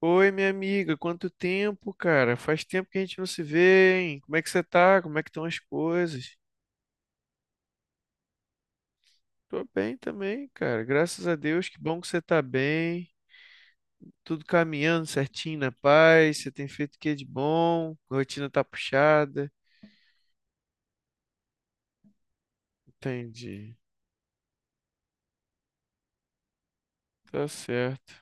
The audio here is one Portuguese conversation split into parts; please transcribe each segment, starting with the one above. Oi, minha amiga, quanto tempo, cara? Faz tempo que a gente não se vê, hein? Como é que você tá? Como é que estão as coisas? Tô bem também, cara. Graças a Deus, que bom que você tá bem. Tudo caminhando certinho na paz. Você tem feito o que de bom? Rotina tá puxada. Entendi. Tá certo.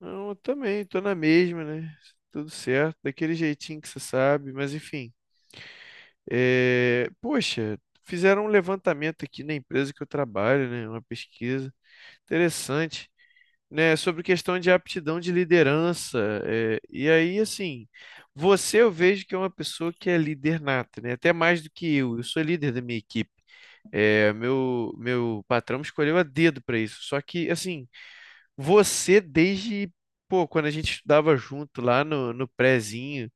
Não, eu também tô na mesma, né? Tudo certo, daquele jeitinho que você sabe, mas enfim. Poxa, fizeram um levantamento aqui na empresa que eu trabalho, né? Uma pesquisa. Interessante, né? Sobre questão de aptidão de liderança. E aí, assim, você eu vejo que é uma pessoa que é líder nata, né? Até mais do que eu. Eu sou líder da minha equipe. É, meu patrão me escolheu a dedo para isso. Só que, assim, você desde, pô, quando a gente estudava junto lá no prézinho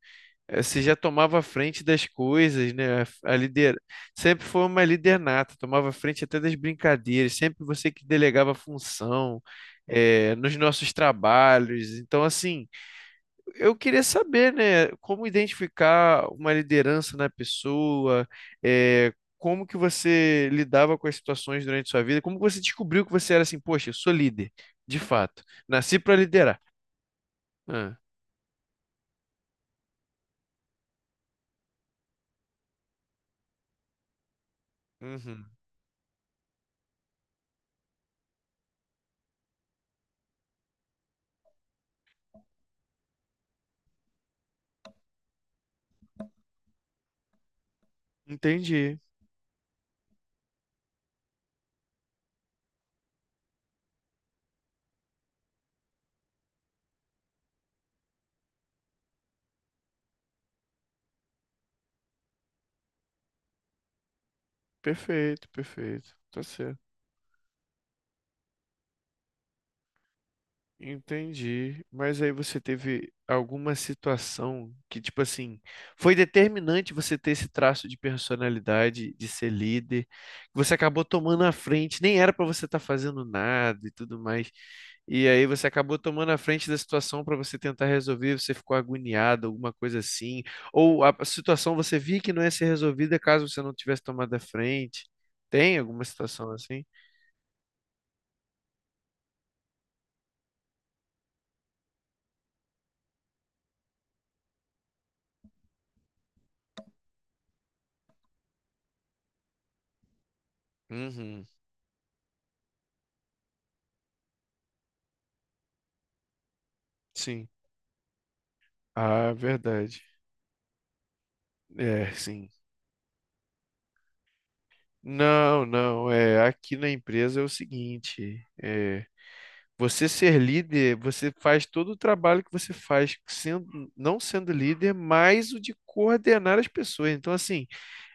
você já tomava a frente das coisas, né? A líder sempre foi uma líder nata, tomava a frente até das brincadeiras, sempre você que delegava função, nos nossos trabalhos. Então, assim, eu queria saber, né, como identificar uma liderança na pessoa, como que você lidava com as situações durante sua vida, como você descobriu que você era assim, poxa, eu sou líder, de fato, nasci para liderar. Ah, uhum. Entendi. Perfeito, perfeito. Tá certo. Entendi. Mas aí você teve alguma situação que, tipo assim, foi determinante você ter esse traço de personalidade, de ser líder, que você acabou tomando a frente, nem era para você estar fazendo nada e tudo mais. E aí você acabou tomando a frente da situação para você tentar resolver, você ficou agoniado, alguma coisa assim, ou a situação você via que não ia ser resolvida caso você não tivesse tomado a frente. Tem alguma situação assim? Uhum, sim. Ah, verdade. É, sim. Não, não. É, aqui na empresa é o seguinte, é, você ser líder, você faz todo o trabalho que você faz sendo, não sendo líder, mais o de coordenar as pessoas. Então, assim,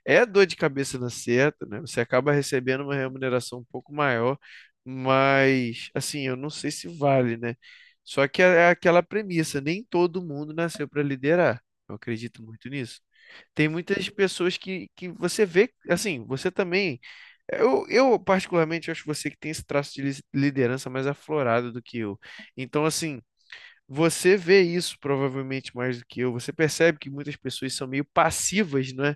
é dor de cabeça na certa, né? Você acaba recebendo uma remuneração um pouco maior, mas, assim, eu não sei se vale, né? Só que é aquela premissa, nem todo mundo nasceu para liderar. Eu acredito muito nisso. Tem muitas pessoas que você vê, assim, você também eu, particularmente, acho você que tem esse traço de liderança mais aflorado do que eu. Então, assim, você vê isso provavelmente mais do que eu. Você percebe que muitas pessoas são meio passivas, não é?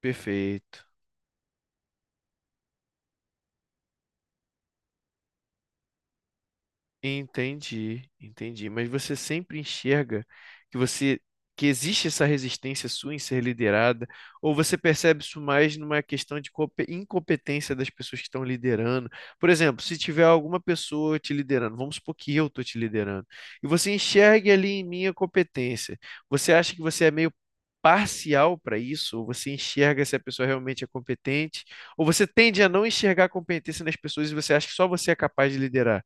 Perfeito. Entendi, entendi. Mas você sempre enxerga que você que existe essa resistência sua em ser liderada, ou você percebe isso mais numa questão de incompetência das pessoas que estão liderando? Por exemplo, se tiver alguma pessoa te liderando, vamos supor que eu estou te liderando, e você enxergue ali em mim a competência, você acha que você é meio parcial para isso, ou você enxerga se a pessoa realmente é competente, ou você tende a não enxergar a competência nas pessoas e você acha que só você é capaz de liderar?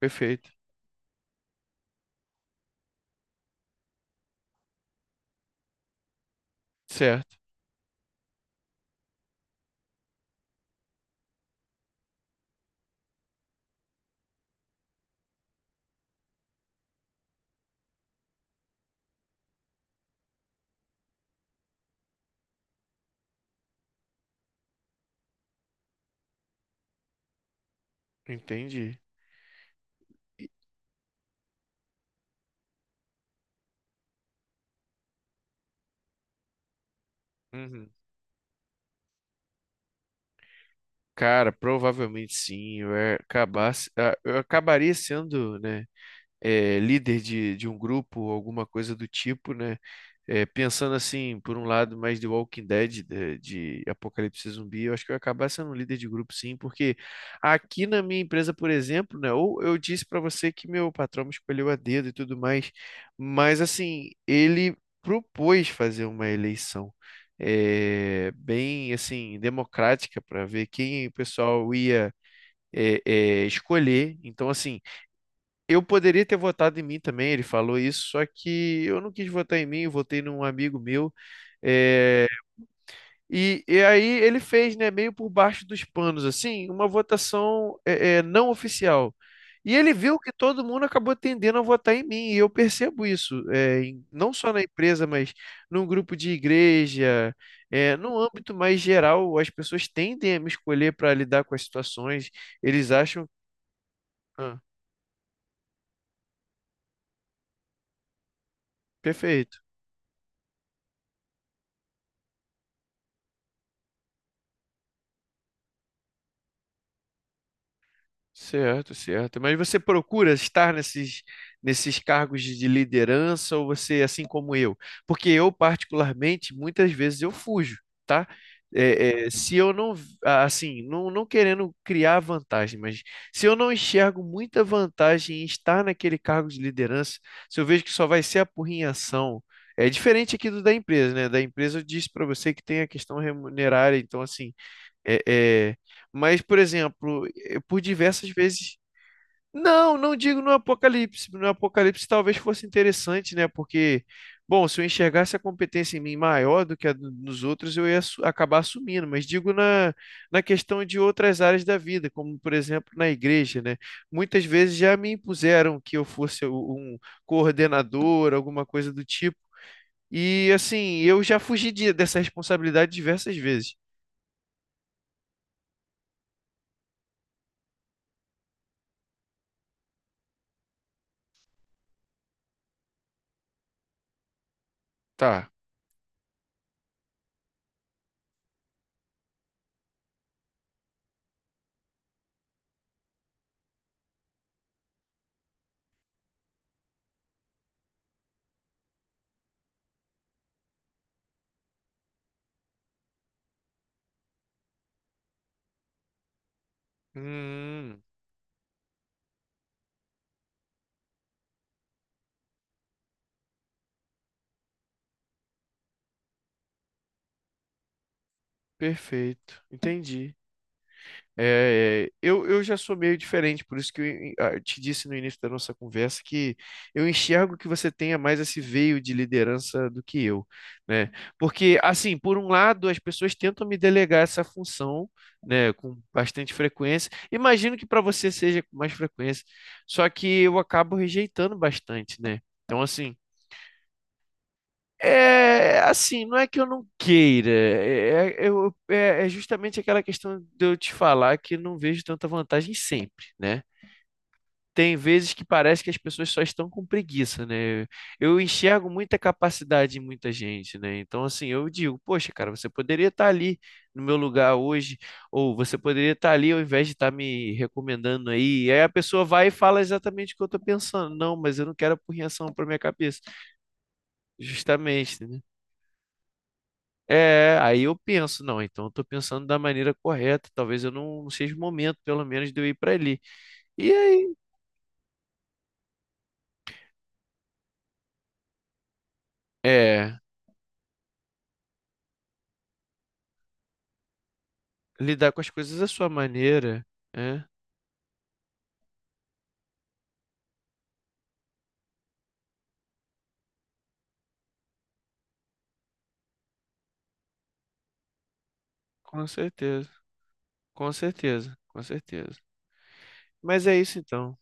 Perfeito. Certo, entendi. Uhum. Cara, provavelmente sim. Eu ia acabar, eu acabaria sendo, né? Líder de um grupo, alguma coisa do tipo, né? É, pensando assim, por um lado, mais de Walking Dead, de Apocalipse Zumbi, eu acho que eu ia acabar sendo um líder de grupo, sim, porque aqui na minha empresa, por exemplo, né? Ou eu disse para você que meu patrão me escolheu a dedo e tudo mais, mas assim, ele propôs fazer uma eleição. Bem assim democrática para ver quem o pessoal ia é, escolher. Então, assim, eu poderia ter votado em mim também, ele falou isso, só que eu não quis votar em mim, eu votei num amigo meu. é, e aí ele fez, né, meio por baixo dos panos, assim, uma votação não oficial. E ele viu que todo mundo acabou tendendo a votar em mim, e eu percebo isso, não só na empresa, mas num grupo de igreja, no âmbito mais geral, as pessoas tendem a me escolher para lidar com as situações, eles acham. Ah, perfeito. Certo, certo. Mas você procura estar nesses cargos de liderança ou você, é assim como eu? Porque eu, particularmente, muitas vezes eu fujo, tá? Se eu não, ah, assim, não, não querendo criar vantagem, mas se eu não enxergo muita vantagem em estar naquele cargo de liderança, se eu vejo que só vai ser apurrinhação, é diferente aqui do da empresa, né? Da empresa eu disse para você que tem a questão remunerária, então, assim é, é, mas, por exemplo, por diversas vezes. Não, não digo no Apocalipse. No Apocalipse talvez fosse interessante, né? Porque, bom, se eu enxergasse a competência em mim maior do que nos outros, acabar assumindo. Mas digo na, na questão de outras áreas da vida, como, por exemplo, na igreja, né? Muitas vezes já me impuseram que eu fosse um coordenador, alguma coisa do tipo. E, assim, eu já fugi dessa responsabilidade diversas vezes. Tá. Hum. Perfeito, entendi. É, é, eu já sou meio diferente, por isso que eu eu te disse no início da nossa conversa que eu enxergo que você tenha mais esse veio de liderança do que eu, né? Porque, assim, por um lado, as pessoas tentam me delegar essa função, né, com bastante frequência. Imagino que para você seja com mais frequência, só que eu acabo rejeitando bastante, né? Então, assim. É, assim, não é que eu não queira, é justamente aquela questão de eu te falar que eu não vejo tanta vantagem sempre, né? Tem vezes que parece que as pessoas só estão com preguiça, né? Eu enxergo muita capacidade em muita gente, né? Então, assim, eu digo, poxa, cara, você poderia estar ali no meu lugar hoje, ou você poderia estar ali ao invés de estar me recomendando aí. E aí a pessoa vai e fala exatamente o que eu estou pensando. Não, mas eu não quero por reação para minha cabeça. Justamente, né? É, aí eu penso, não, então eu tô pensando da maneira correta, talvez eu não, não seja o momento, pelo menos, de eu ir pra ali. E aí, é, lidar com as coisas da sua maneira, é, com certeza, com certeza, com certeza. Mas é isso então.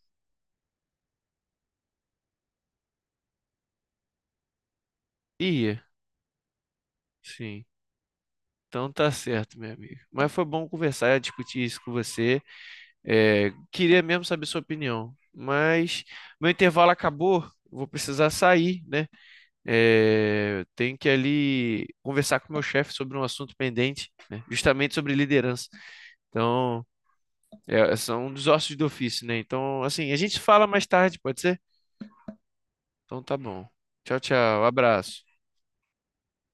Ia, sim. Então tá certo, meu amigo. Mas foi bom conversar, discutir isso com você. É, queria mesmo saber sua opinião, mas meu intervalo acabou, vou precisar sair, né? É, tenho que ali conversar com o meu chefe sobre um assunto pendente, né? Justamente sobre liderança. Então, são um dos ossos do ofício, né? Então, assim, a gente fala mais tarde, pode ser? Então tá bom. Tchau, tchau. Abraço.